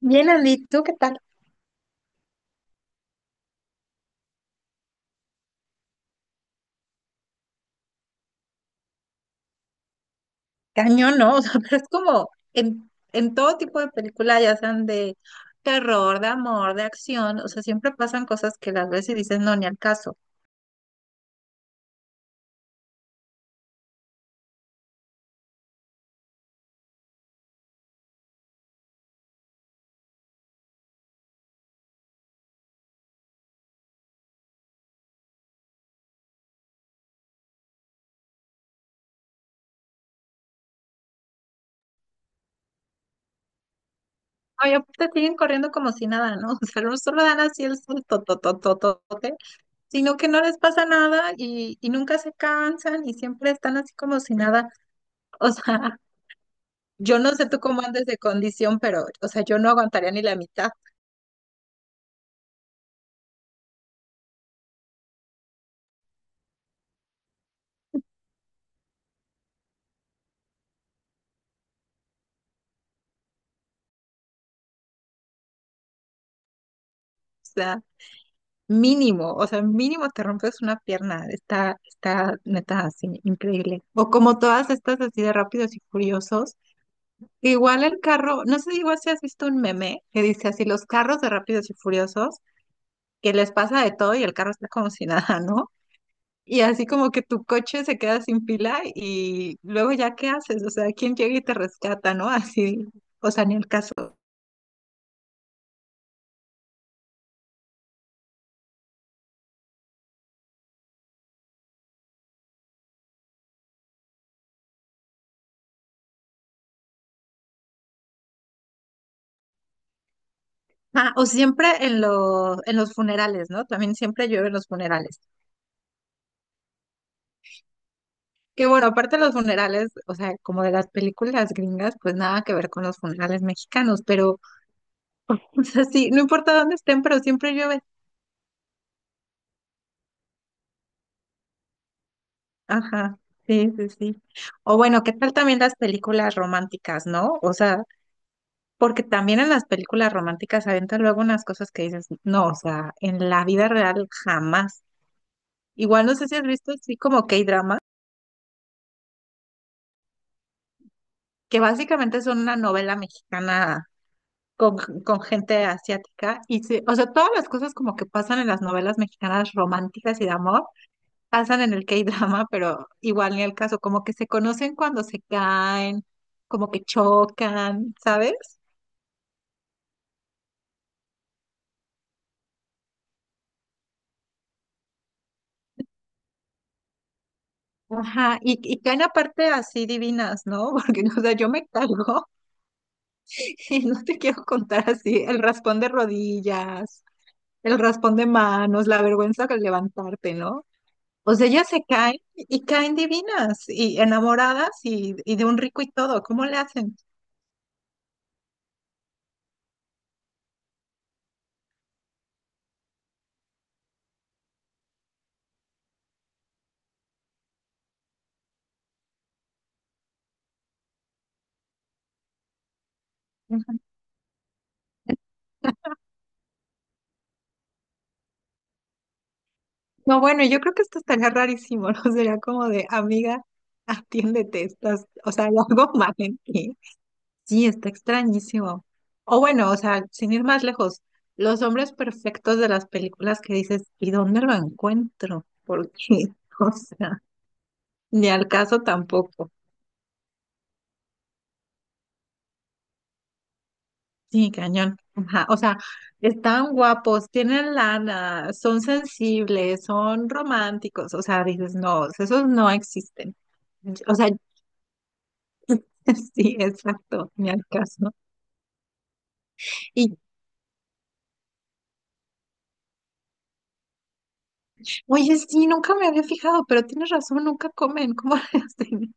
Bien, Andy, ¿tú qué tal? Cañón, ¿no? O sea, pero es como en todo tipo de película, ya sean de terror, de amor, de acción, o sea, siempre pasan cosas que las ves y dices, no, ni al caso. Oye, te siguen corriendo como si nada, ¿no? O sea, no solo dan así el salto, sino que no les pasa nada y nunca se cansan y siempre están así como si nada. O sea, yo no sé tú cómo andes de condición, pero, o sea, yo no aguantaría ni la mitad. Mínimo, o sea, mínimo te rompes una pierna. Está neta así, increíble. O como todas estas así de rápidos y furiosos. Igual el carro, no sé, igual si has visto un meme que dice así, los carros de rápidos y furiosos, que les pasa de todo y el carro está como si nada, ¿no? Y así como que tu coche se queda sin pila y luego ya qué haces, o sea, ¿quién llega y te rescata, ¿no? Así, o sea, ni el caso. Ah, o siempre en los funerales, ¿no? También siempre llueve en los funerales. Que bueno, aparte los funerales, o sea, como de las películas gringas, pues nada que ver con los funerales mexicanos, pero, o sea, sí, no importa dónde estén, pero siempre llueve. Ajá, sí, sí, sí. O bueno, ¿qué tal también las películas románticas, no? O sea, porque también en las películas románticas aventan luego unas cosas que dices, no, o sea, en la vida real jamás. Igual no sé si has visto así como K-drama, que básicamente son una novela mexicana con, con gente asiática y se, o sea, todas las cosas como que pasan en las novelas mexicanas románticas y de amor, pasan en el K-drama, pero igual ni el caso, como que se conocen cuando se caen, como que chocan, ¿sabes? Ajá, y caen aparte así divinas, ¿no? Porque, o sea, yo me cargo y no te quiero contar así el raspón de rodillas, el raspón de manos, la vergüenza al levantarte, ¿no? O sea, ellas se caen y caen divinas y enamoradas y de un rico y todo. ¿Cómo le hacen? Ujú. No, bueno, yo creo que esto estaría rarísimo, ¿no? Sería como de, amiga, atiéndete, estás, o sea, hay algo mal en ti. Sí, está extrañísimo. O bueno, o sea, sin ir más lejos, los hombres perfectos de las películas que dices, ¿y dónde lo encuentro? Porque, o sea, ni al caso tampoco. Sí, cañón. Ajá, o sea, están guapos, tienen lana, son sensibles, son románticos. O sea, dices, no, esos no existen. O sea, sí, exacto, ni al caso. Y, oye, sí, nunca me había fijado, pero tienes razón, nunca comen. ¿Cómo le hacen?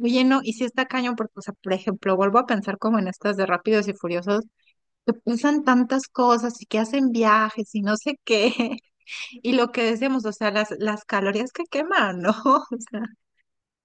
Oye, no, y si está cañón, porque, o sea, por ejemplo, vuelvo a pensar como en estas de Rápidos y Furiosos, que usan tantas cosas y que hacen viajes y no sé qué. Y lo que decíamos, o sea, las calorías que queman, ¿no? O sea,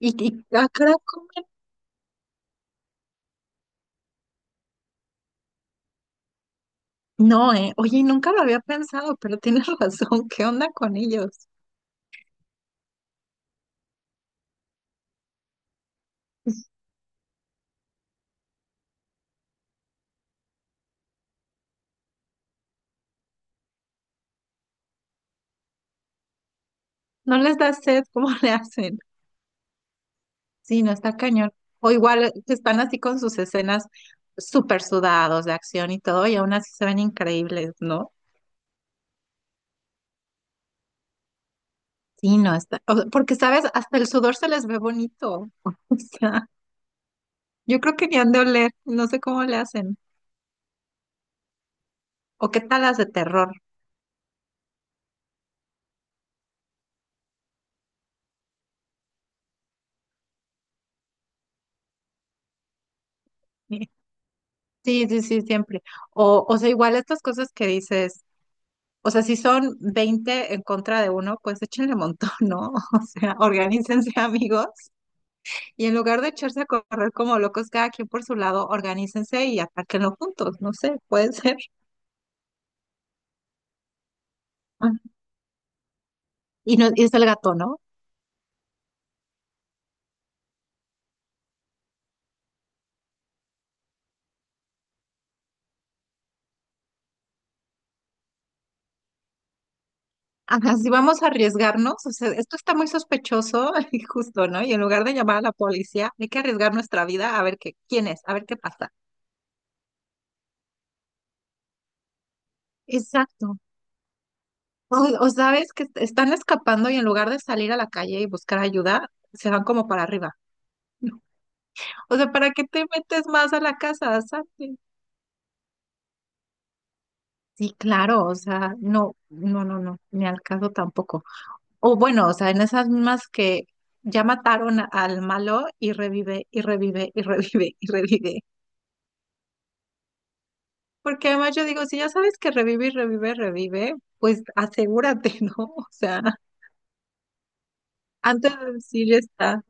ah, caray, comen. No, eh. Oye, nunca lo había pensado, pero tienes razón. ¿Qué onda con ellos? ¿No les da sed? ¿Cómo le hacen? Sí, no está cañón. O igual que están así con sus escenas súper sudados de acción y todo, y aún así se ven increíbles, ¿no? Sí, no está. O sea, porque, ¿sabes? Hasta el sudor se les ve bonito. O sea, yo creo que ni han de oler. No sé cómo le hacen. O qué tal las de terror. Sí, sí, sí, siempre. O sea, igual estas cosas que dices. O sea, si son 20 en contra de uno, pues échenle montón, ¿no? O sea, organícense amigos y en lugar de echarse a correr como locos cada quien por su lado, organícense y atáquenlo juntos, no sé, puede ser. Ah, y, no, y es el gato, ¿no? Ajá, si vamos a arriesgarnos, o sea, esto está muy sospechoso y justo, ¿no? Y en lugar de llamar a la policía, hay que arriesgar nuestra vida a ver qué, quién es, a ver qué pasa. Exacto. O, o sabes que están escapando y en lugar de salir a la calle y buscar ayuda, se van como para arriba. O sea, ¿para qué te metes más a la casa? Salte. Sí, claro, o sea, no, no, no, no, ni al caso tampoco. O bueno, o sea, en esas mismas que ya mataron al malo y revive, y revive, y revive, y revive. Porque además yo digo, si ya sabes que revive y revive, revive, pues asegúrate, ¿no? O sea, antes de decir ya está.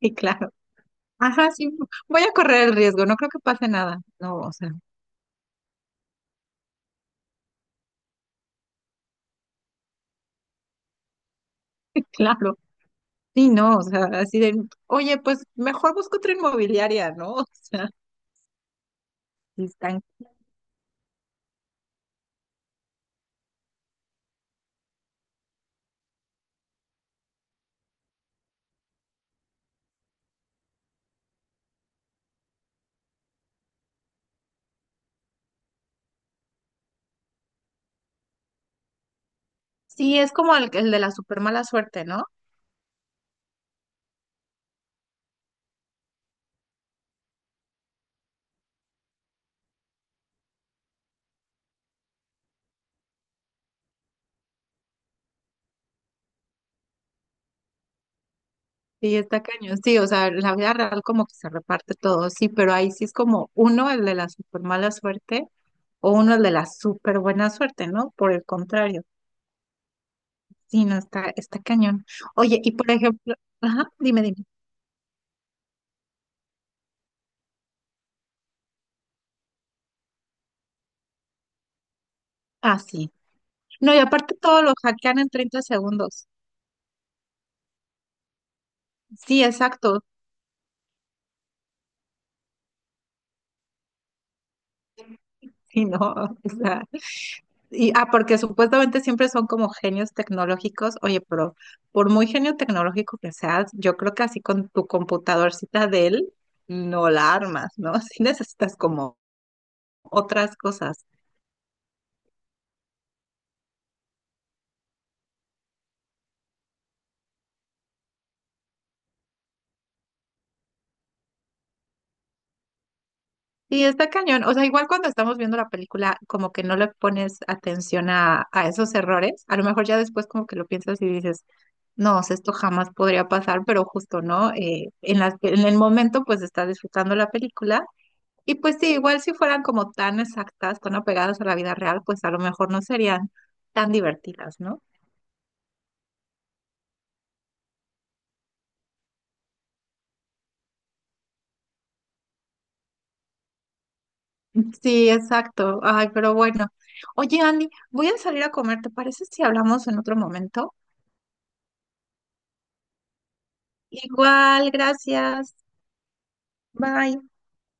Sí, claro. Ajá, sí, voy a correr el riesgo, no creo que pase nada. No, o sea, claro. Sí, no, o sea, así de, oye, pues mejor busco otra inmobiliaria, ¿no? O sea, sí están. Sí, es como el de la super mala suerte, ¿no? Sí, está cañón. Sí, o sea, la vida real como que se reparte todo, sí, pero ahí sí es como uno el de la super mala suerte o uno el de la super buena suerte, ¿no? Por el contrario, sí, no, está, está cañón. Oye, y por ejemplo, ajá, dime, dime. Ah, sí. No, y aparte todo lo hackean en 30 segundos. Sí, exacto. Sí, no, o sea. Y, ah, porque supuestamente siempre son como genios tecnológicos. Oye, pero por muy genio tecnológico que seas, yo creo que así con tu computadorcita de él, no la armas, ¿no? Sí necesitas como otras cosas. Y está cañón. O sea, igual cuando estamos viendo la película, como que no le pones atención a esos errores. A lo mejor ya después como que lo piensas y dices, no, o sea, esto jamás podría pasar, pero justo, ¿no? En el momento pues estás disfrutando la película. Y pues sí, igual si fueran como tan exactas, tan apegadas a la vida real, pues a lo mejor no serían tan divertidas, ¿no? Sí, exacto. Ay, pero bueno. Oye, Andy, voy a salir a comer. ¿Te parece si hablamos en otro momento? Igual, gracias. Bye.